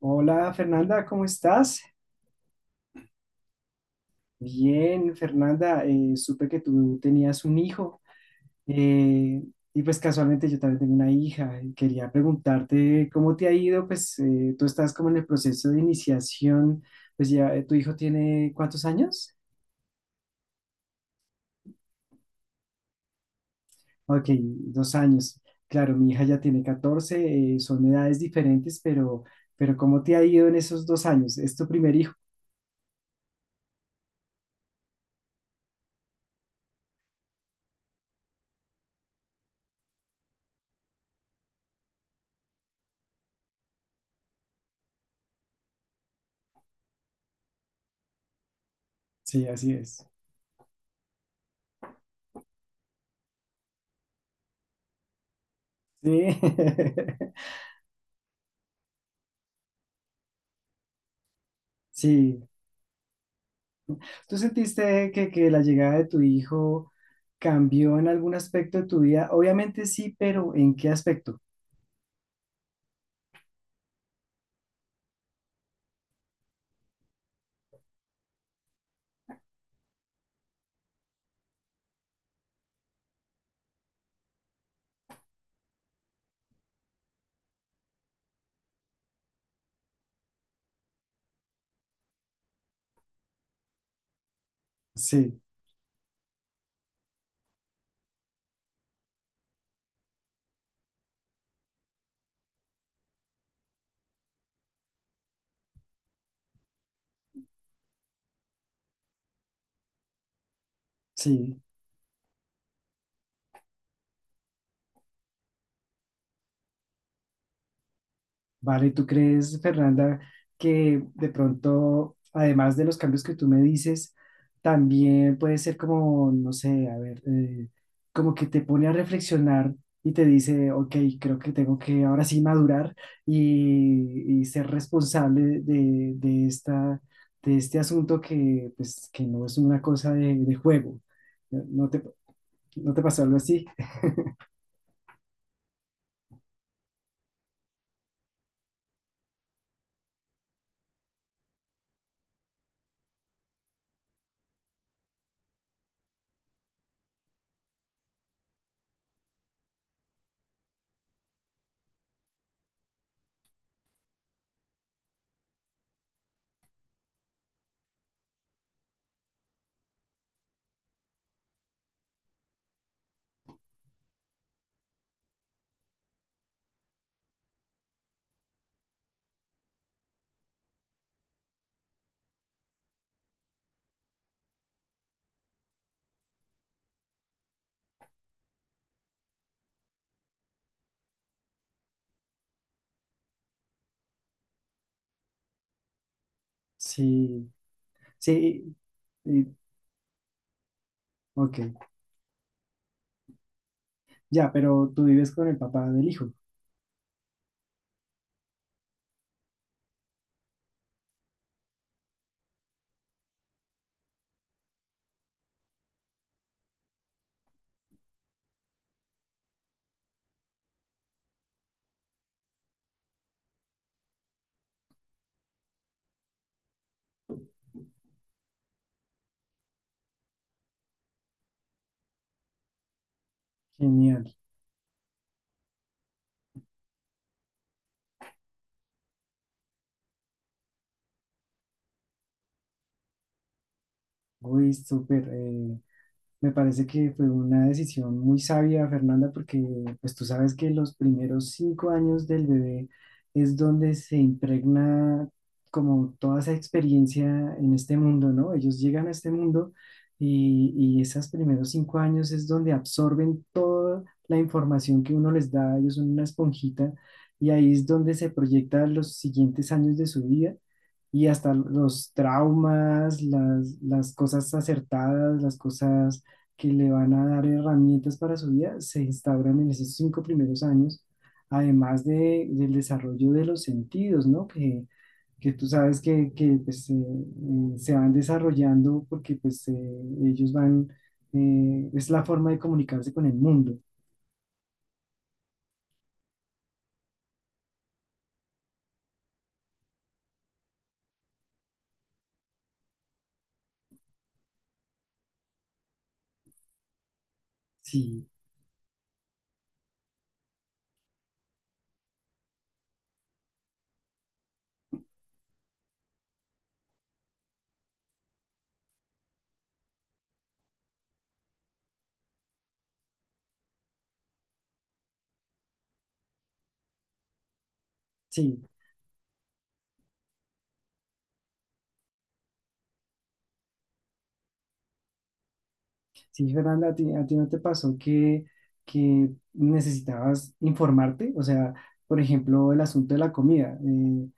Hola Fernanda, ¿cómo estás? Bien, Fernanda, supe que tú tenías un hijo eh, y pues casualmente yo también tengo una hija. Y quería preguntarte cómo te ha ido, pues tú estás como en el proceso de iniciación, pues ya ¿tu hijo tiene cuántos años? Ok, 2 años. Claro, mi hija ya tiene 14, son edades diferentes, pero, ¿cómo te ha ido en esos 2 años? ¿Es tu primer hijo? Sí, así es. Sí, sí, ¿tú sentiste que la llegada de tu hijo cambió en algún aspecto de tu vida? Obviamente sí, pero ¿en qué aspecto? Sí, sí. Vale, ¿tú crees, Fernanda, que de pronto, además de los cambios que tú me dices, también puede ser como, no sé, a ver, como que te pone a reflexionar y te dice, ok, creo que tengo que ahora sí madurar y ser responsable de, esta, de este asunto que, pues, que no es una cosa de juego? ¿No, no te pasó algo así? Sí. Sí, y- ok, ya, pero tú vives con el papá del hijo. Genial, uy, súper. Me parece que fue una decisión muy sabia, Fernanda, porque pues tú sabes que los primeros 5 años del bebé es donde se impregna como toda esa experiencia en este mundo, ¿no? Ellos llegan a este mundo y, y esos primeros 5 años es donde absorben toda la información que uno les da, ellos son una esponjita y ahí es donde se proyectan los siguientes años de su vida y hasta los traumas, las cosas acertadas, las cosas que le van a dar herramientas para su vida se instauran en esos 5 primeros años, además del desarrollo de los sentidos, ¿no? Que, tú sabes que, pues, se van desarrollando porque pues, ellos van, es la forma de comunicarse con el mundo. Sí, sí, sí, Fernanda, a ti, no te pasó que necesitabas informarte, o sea, por ejemplo, el asunto de la comida.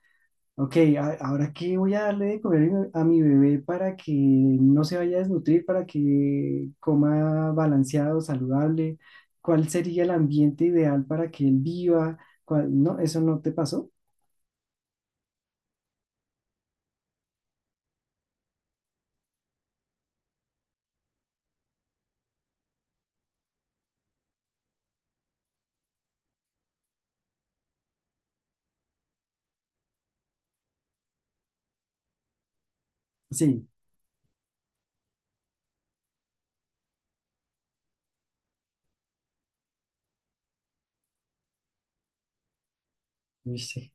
Ok, ahora qué voy a darle de comer a mi bebé para que no se vaya a desnutrir, para que coma balanceado, saludable. ¿Cuál sería el ambiente ideal para que él viva? No, ¿eso no te pasó? Sí, uy, sí,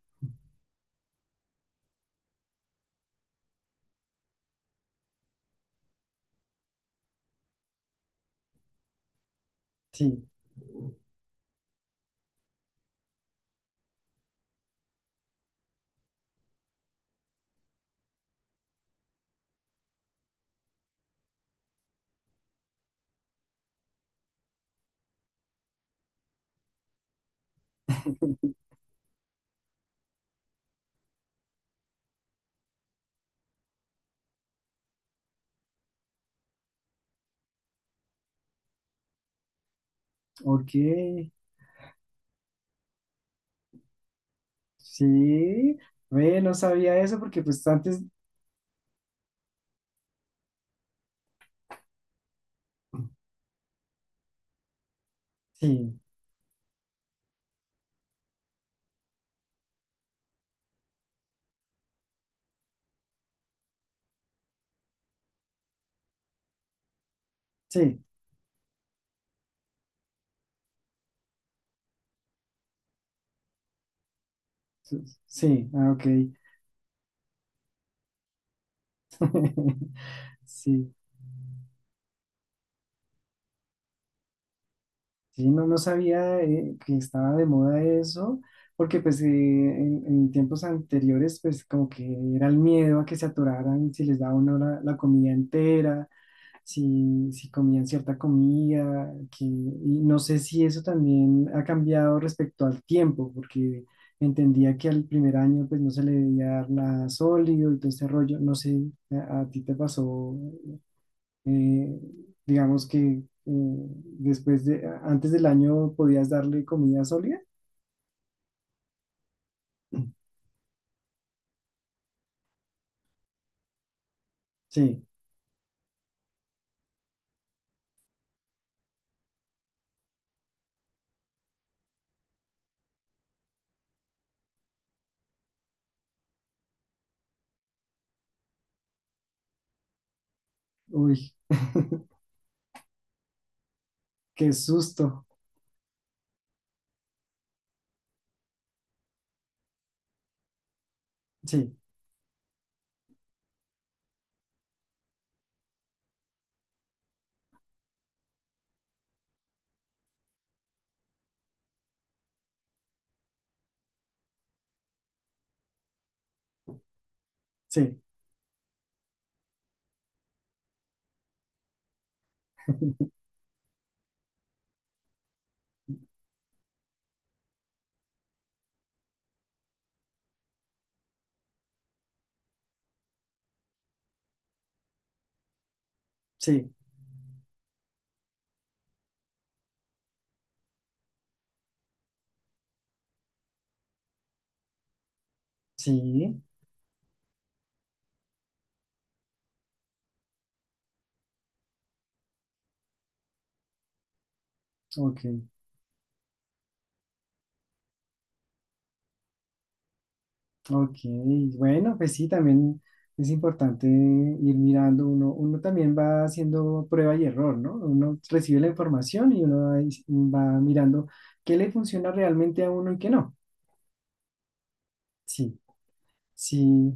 sí. Ok, sí. Ve, no sabía eso porque pues antes, sí, sí, sí, sí, ah, ok. Sí. Sí, no, no sabía que estaba de moda eso, porque pues en, tiempos anteriores pues como que era el miedo a que se atoraran si les daba uno la, comida entera, si comían cierta comida, que, y no sé si eso también ha cambiado respecto al tiempo, porque entendía que al primer año pues no se le debía dar nada sólido y todo este rollo, no sé, a, ti te pasó eh, digamos que después de, antes del año podías darle comida sólida. Sí, uy, qué susto. Sí, sí, sí, sí, ok, ok. Bueno, pues sí, también es importante ir mirando, uno, también va haciendo prueba y error, ¿no? Uno recibe la información y uno va mirando qué le funciona realmente a uno y qué no. Sí, sí,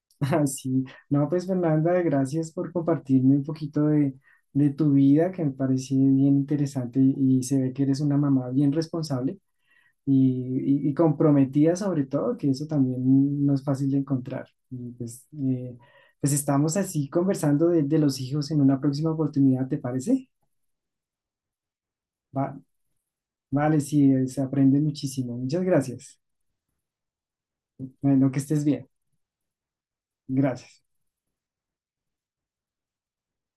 ah, sí, no, pues Fernanda, gracias por compartirme un poquito de tu vida, que me parece bien interesante y se ve que eres una mamá bien responsable y comprometida sobre todo, que eso también no es fácil de encontrar. Y pues, pues estamos así conversando de, los hijos en una próxima oportunidad, ¿te parece? Va- vale, sí, se aprende muchísimo. Muchas gracias. Bueno, que estés bien. Gracias.